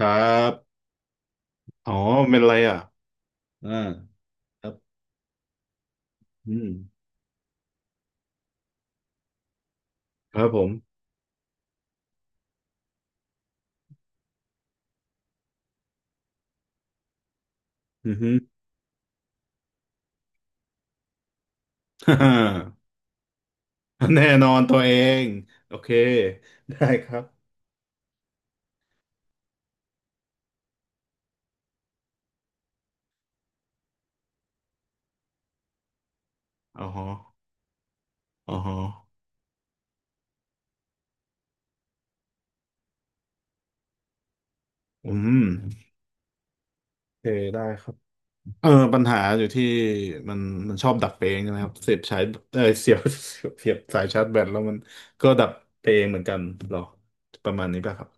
ครับ อ๋อเป็นอะไรอ่ะอ่าครับอืมครับผมอือฮึ แน่นอนตัวเองโอเคได้ครับอ๋อฮะอ๋อฮะอืมโอเคได้ครับเออปัญหาอยู่ที่มันมันชอบดับไปเองนะครับเสียบสายเสียบ เสียบสายชาร์จแบตแล้วมันก็ดับไปเองเหมือนกันหรอประมาณนี้ป่ะครับ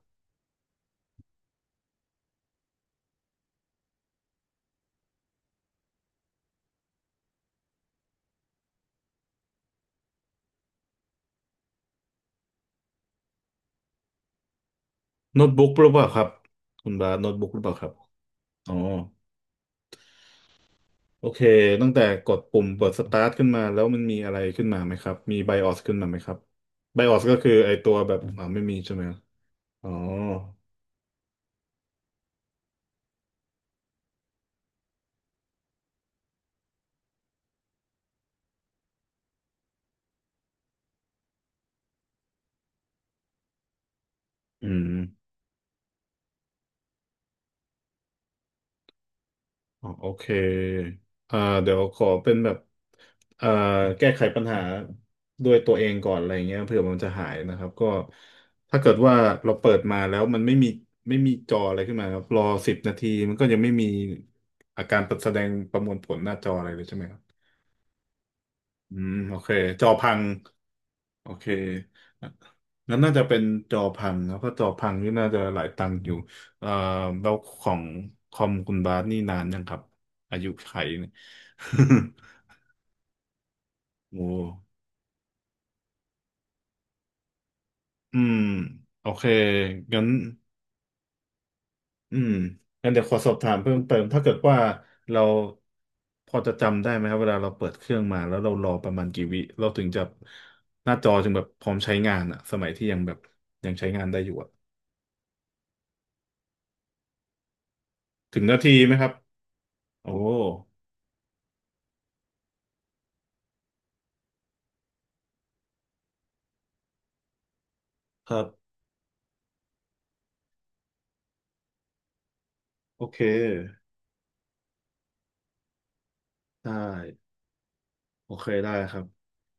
โน้ตบุ๊กหรือเปล่าครับคุณบาสโน้ตบุ๊กหรือเปล่าครับอ๋อ โอเคตั้งแต่กดปุ่มเปิดสตาร์ทขึ้นมาแล้วมันมีอะไรขึ้นมาไหมครับมีไบออสขึ้นมาไหมครับไบออสก็คือไอตัวแบบไม่มีใช่ไหมอ๋ออืมอ๋อโอเคอ่าเดี๋ยวขอเป็นแบบอ่าแก้ไขปัญหาด้วยตัวเองก่อนอะไรเงี้ยเผื่อมันจะหายนะครับก็ถ้าเกิดว่าเราเปิดมาแล้วมันไม่มีจออะไรขึ้นมาครับรอสิบนาทีมันก็ยังไม่มีอาการแสดงประมวลผลหน้าจออะไรเลยใช่ไหมครับอืมโอเคจอพัง โอเคงั้นน่าจะเป็นจอพังแล้วก็จอพังนี่น่าจะหลายตังค์อยู่เอ่อแล้วของคอมคุณบาสนี่นานยังครับอายุไขเนี่ย โอ้อืมโอเคงั้นอืมงั้นเดี๋ยวขอสอบถามเพิ่มเติมถ้าเกิดว่าเราพอจะจำได้ไหมครับเวลาเราเปิดเครื่องมาแล้วเรารอประมาณกี่วิเราถึงจะหน้าจอจึงแบบพร้อมใช้งานอะสมัยที่ยังแบบยังใช้งานได้อยู่อะถึงนาทีไหมครับโอ้ครับ โอเค ได้ โอเค ได้ครับ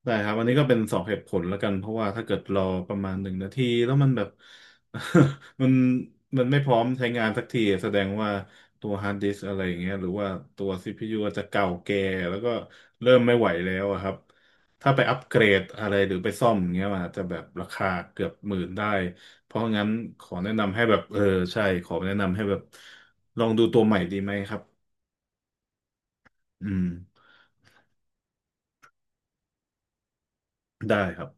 ได้ครับอันนี้ก็เป็นสองเหตุผลแล้วกัน เพราะว่าถ้าเกิดรอประมาณหนึ่งนาทีแล้วมันแบบ มันมันไม่พร้อมใช้งานสักทีแสดงว่าตัวฮาร์ดดิสก์อะไรอย่างเงี้ยหรือว่าตัวซีพียูอาจจะเก่าแก่แล้วก็เริ่มไม่ไหวแล้วอะครับ ถ้าไปอัปเกรดอะไรหรือไปซ่อมอย่างเงี้ยมันอาจจะแบบราคาเกือบหมื่นได้เพราะงั้นขอแนะนำให้แบบเออใช่ขอแนะนำให้แบบลองดูตัวใหม่ดีไหมครับอืมได้ครับ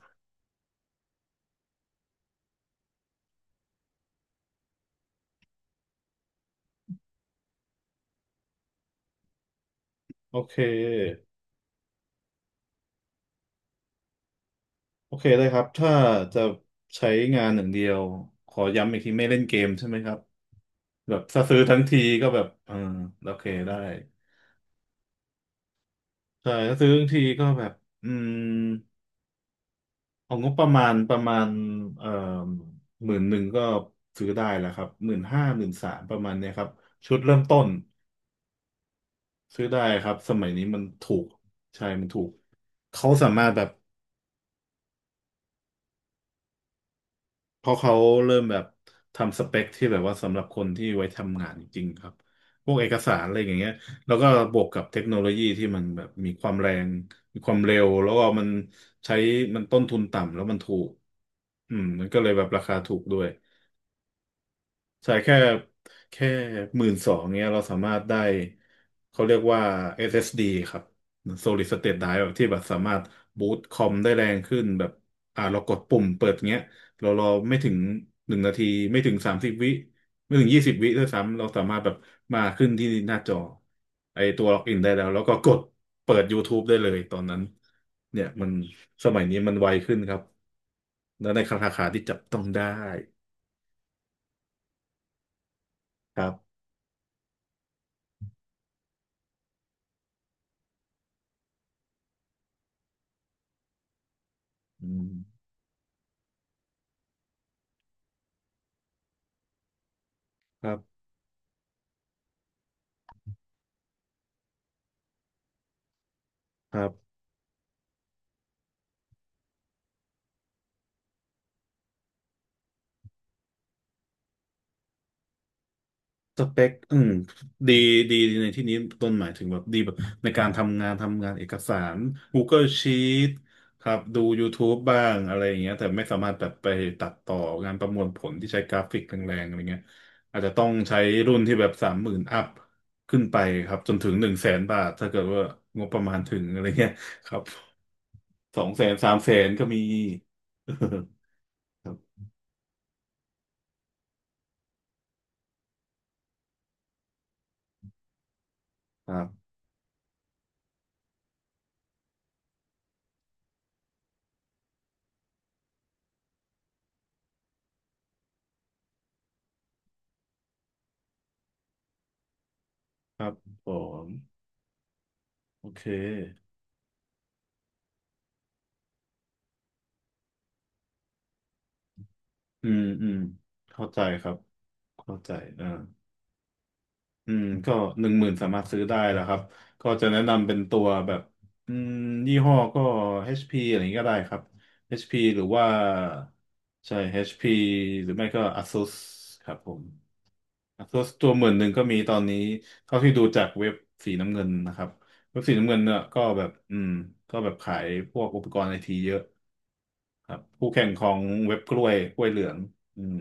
โอเคโอเคได้ครับถ้าจะใช้งานหนึ่างเดียว ขอย้ำอีกทีไม่เล่นเกมใช่ไหมครับแบบถ้าซื้อทั้งทีก็แบบเออโอเคได้ใช่ถ้าซื้อทั้งทีก็แบบอืมเอางบประมาณประมาณเอ่อหมื่นหนึ่งก็ซื้อได้แล้วครับหมื่นห้าหมื่นสามประมาณเนี้ยครับชุดเริ่มต้นซื้อได้ครับสมัยนี้มันถูกใช่มันถูกเขาสามารถแบบ เพราะเขาเริ่มแบบทำสเปคที่แบบว่าสำหรับคนที่ไว้ทำงานจริงๆครับ พวกเอกสารอะไรอย่างเงี้ยแล้วก็บวกกับเทคโนโลยีที่มันแบบมีความแรง มีความเร็ว แล้วก็มันใช้ มันต้นทุนต่ำแล้วมันถูกอืมมันก็เลยแบบราคาถูกด้วย ใช่แค่แค่หมื่นสองเนี้ยเราสามารถได้เขาเรียกว่า SSD ครับ Solid State Drive แบบที่แบบสามารถบูตคอมได้แรงขึ้นแบบอ่าเรากดปุ่มเปิดเงี้ยเรารอไม่ถึงหนึ่งนาทีไม่ถึงสามสิบวิไม่ถึงยี่สิบวิด้วยซ้ำเราสามารถแบบมาขึ้นที่หน้าจอไอตัวล็อกอินได้แล้วแล้วก็กดเปิด YouTube ได้เลยตอนนั้นเนี่ยมันสมัยนี้มันไวขึ้นครับและในราคาที่จับต้องได้ครับอืมครับ ครับสเปคอืมดีดีในที่นี้ต้นหมายถึงแบบดีแบบในการทำงานทำงานเอกสาร Google Sheet ครับดู YouTube บ้างอะไรอย่างเงี้ยแต่ไม่สามารถแบบไปตัดต่องานประมวลผลที่ใช้กราฟิกแรงๆอะไรเงี้ยอาจจะต้องใช้รุ่นที่แบบสามหมื่นอัพขึ้นไปครับจนถึงหนึ่งแสนบาทถ้าเกิดว่างบประมาณถึงอะไรเงี้ยครับสองแสนสามแสนก็มี ครับครับครับผมโอเค อืมอืมเข้าใจครับเข้าใจอ่าอืมก็หนึ่งหมื่นสามารถซื้อได้แล้วครับก็จะแนะนำเป็นตัวแบบอืมยี่ห้อก็ HP อชพีอะไรอย่างนี้ก็ได้ครับ HP หรือว่าใช่ HP หรือไม่ก็ ASUS ครับผม ASUS ตัวหมื่นหนึ่งก็มีตอนนี้เท่าที่ดูจากเว็บสีน้ำเงินนะครับเว็บสีน้ำเงินเนี่ยก็แบบอืมก็แบบขายพวกอุปกรณ์ไอทีเยอะครับคู่แข่งของเว็บกล้วยกล้วยเหลืองอืม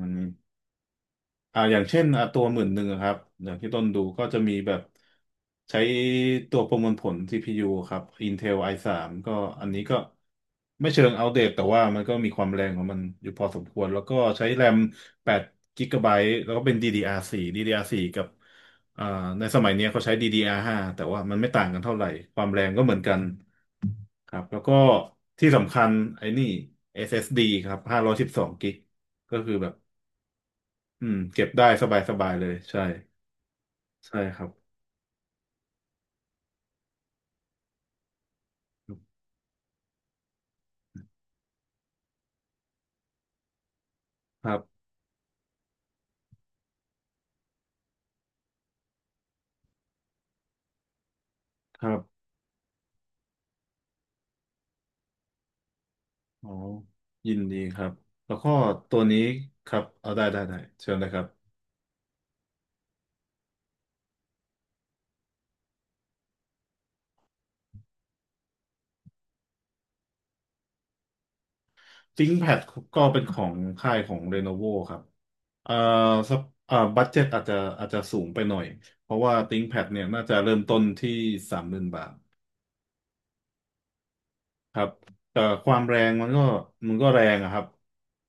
วันนี้ อ่าอย่างเช่นอ่ะตัวหมื่นหนึ่งครับอย่างที่ต้นดูก็จะมีแบบใช้ตัวประมวลผล CPU ครับ Intel i3 ก็อันนี้ก็ไม่เชิงอัปเดตแต่ว่ามันก็มีความแรงของมันอยู่พอสมควรแล้วก็ใช้แรม8กิกะไบต์แล้วก็เป็น DDR4 กับอ่าในสมัยเนี้ยเขาใช้ DDR5 แต่ว่ามันไม่ต่างกันเท่าไหร่ความแรงก็เหมือนกันครับแล้วก็ที่สำคัญไอ้นี่ SSD ครับห้าร้อยสบสองกิกก็คือแบบ อืมเก็บได้สบายสบายเลยใช่ใช่ครับครับครับอ๋อยินดีครับแล้วก็ตัวนี้ครับเอาได้ได้เชิญเลยครับ ThinkPad ก็เป็นของค่ายของ Lenovo ครับเอ่อสักบัดเจ็ตอาจจะสูงไปหน่อยเพราะว่า ThinkPad เนี่ยน่าจะเริ่มต้นที่30,000 บาท ครับแต่ความแรงมันก็แรงอะครับ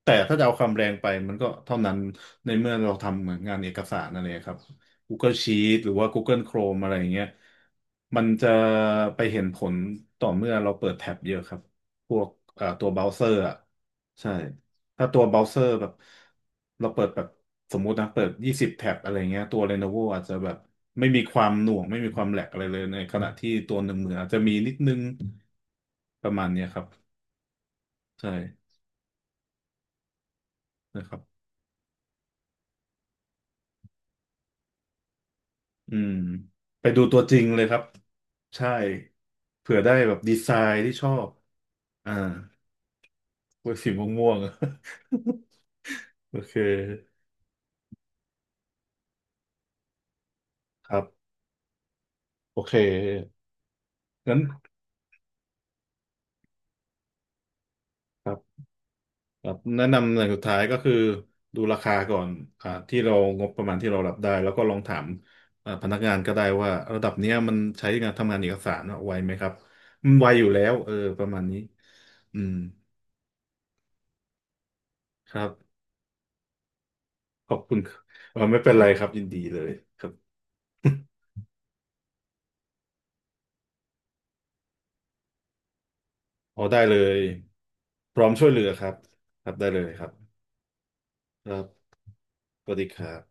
แต่ถ้าจะเอาความแรงไปมันก็เท่านั้นในเมื่อเราทำเหมือนงานเอกสารอะไรครับ Google Sheet หรือว่า Google Chrome อะไรอย่างเงี้ยมันจะไปเห็นผลต่อเมื่อเราเปิดแท็บเยอะครับพวกตัวเบราว์เซอร์อะใช่ถ้าตัวเบราว์เซอร์แบบเราเปิดแบบสมมุตินะเปิด20 แท็บอะไรเงี้ยตัว Lenovo อาจจะแบบไม่มีความหน่วงไม่มีความแหลกอะไรเลยในขณะที่ตัวหนึ่งมืออาจจะมีนิดนึง ประมาณเนี้ยครับใช่นะครับอืมไปดูตัวจริงเลยครับใช่เผื่อได้แบบดีไซน์ที่ชอบอ่าเวยสีม่วงๆ โอเคครับโอเคงั้นครับครับแนะนำอย่างสุดท้ายก็คือดูราคาก่อนอ่าที่เรางบประมาณที่เรารับได้แล้วก็ลองถามอ่าพนักงานก็ได้ว่าระดับเนี้ยมันใช้งานทำงานเอกสารอะไวไหมครับมันไวอยู่แล้วเออประมาณนี้อืมครับ ขอบคุณครับเออไม่เป็นไรครับยินดีเลยครับ อ๋อได้เลยพร้อมช่วยเหลือครับครับได้เลยครับครับสวัสดีครับ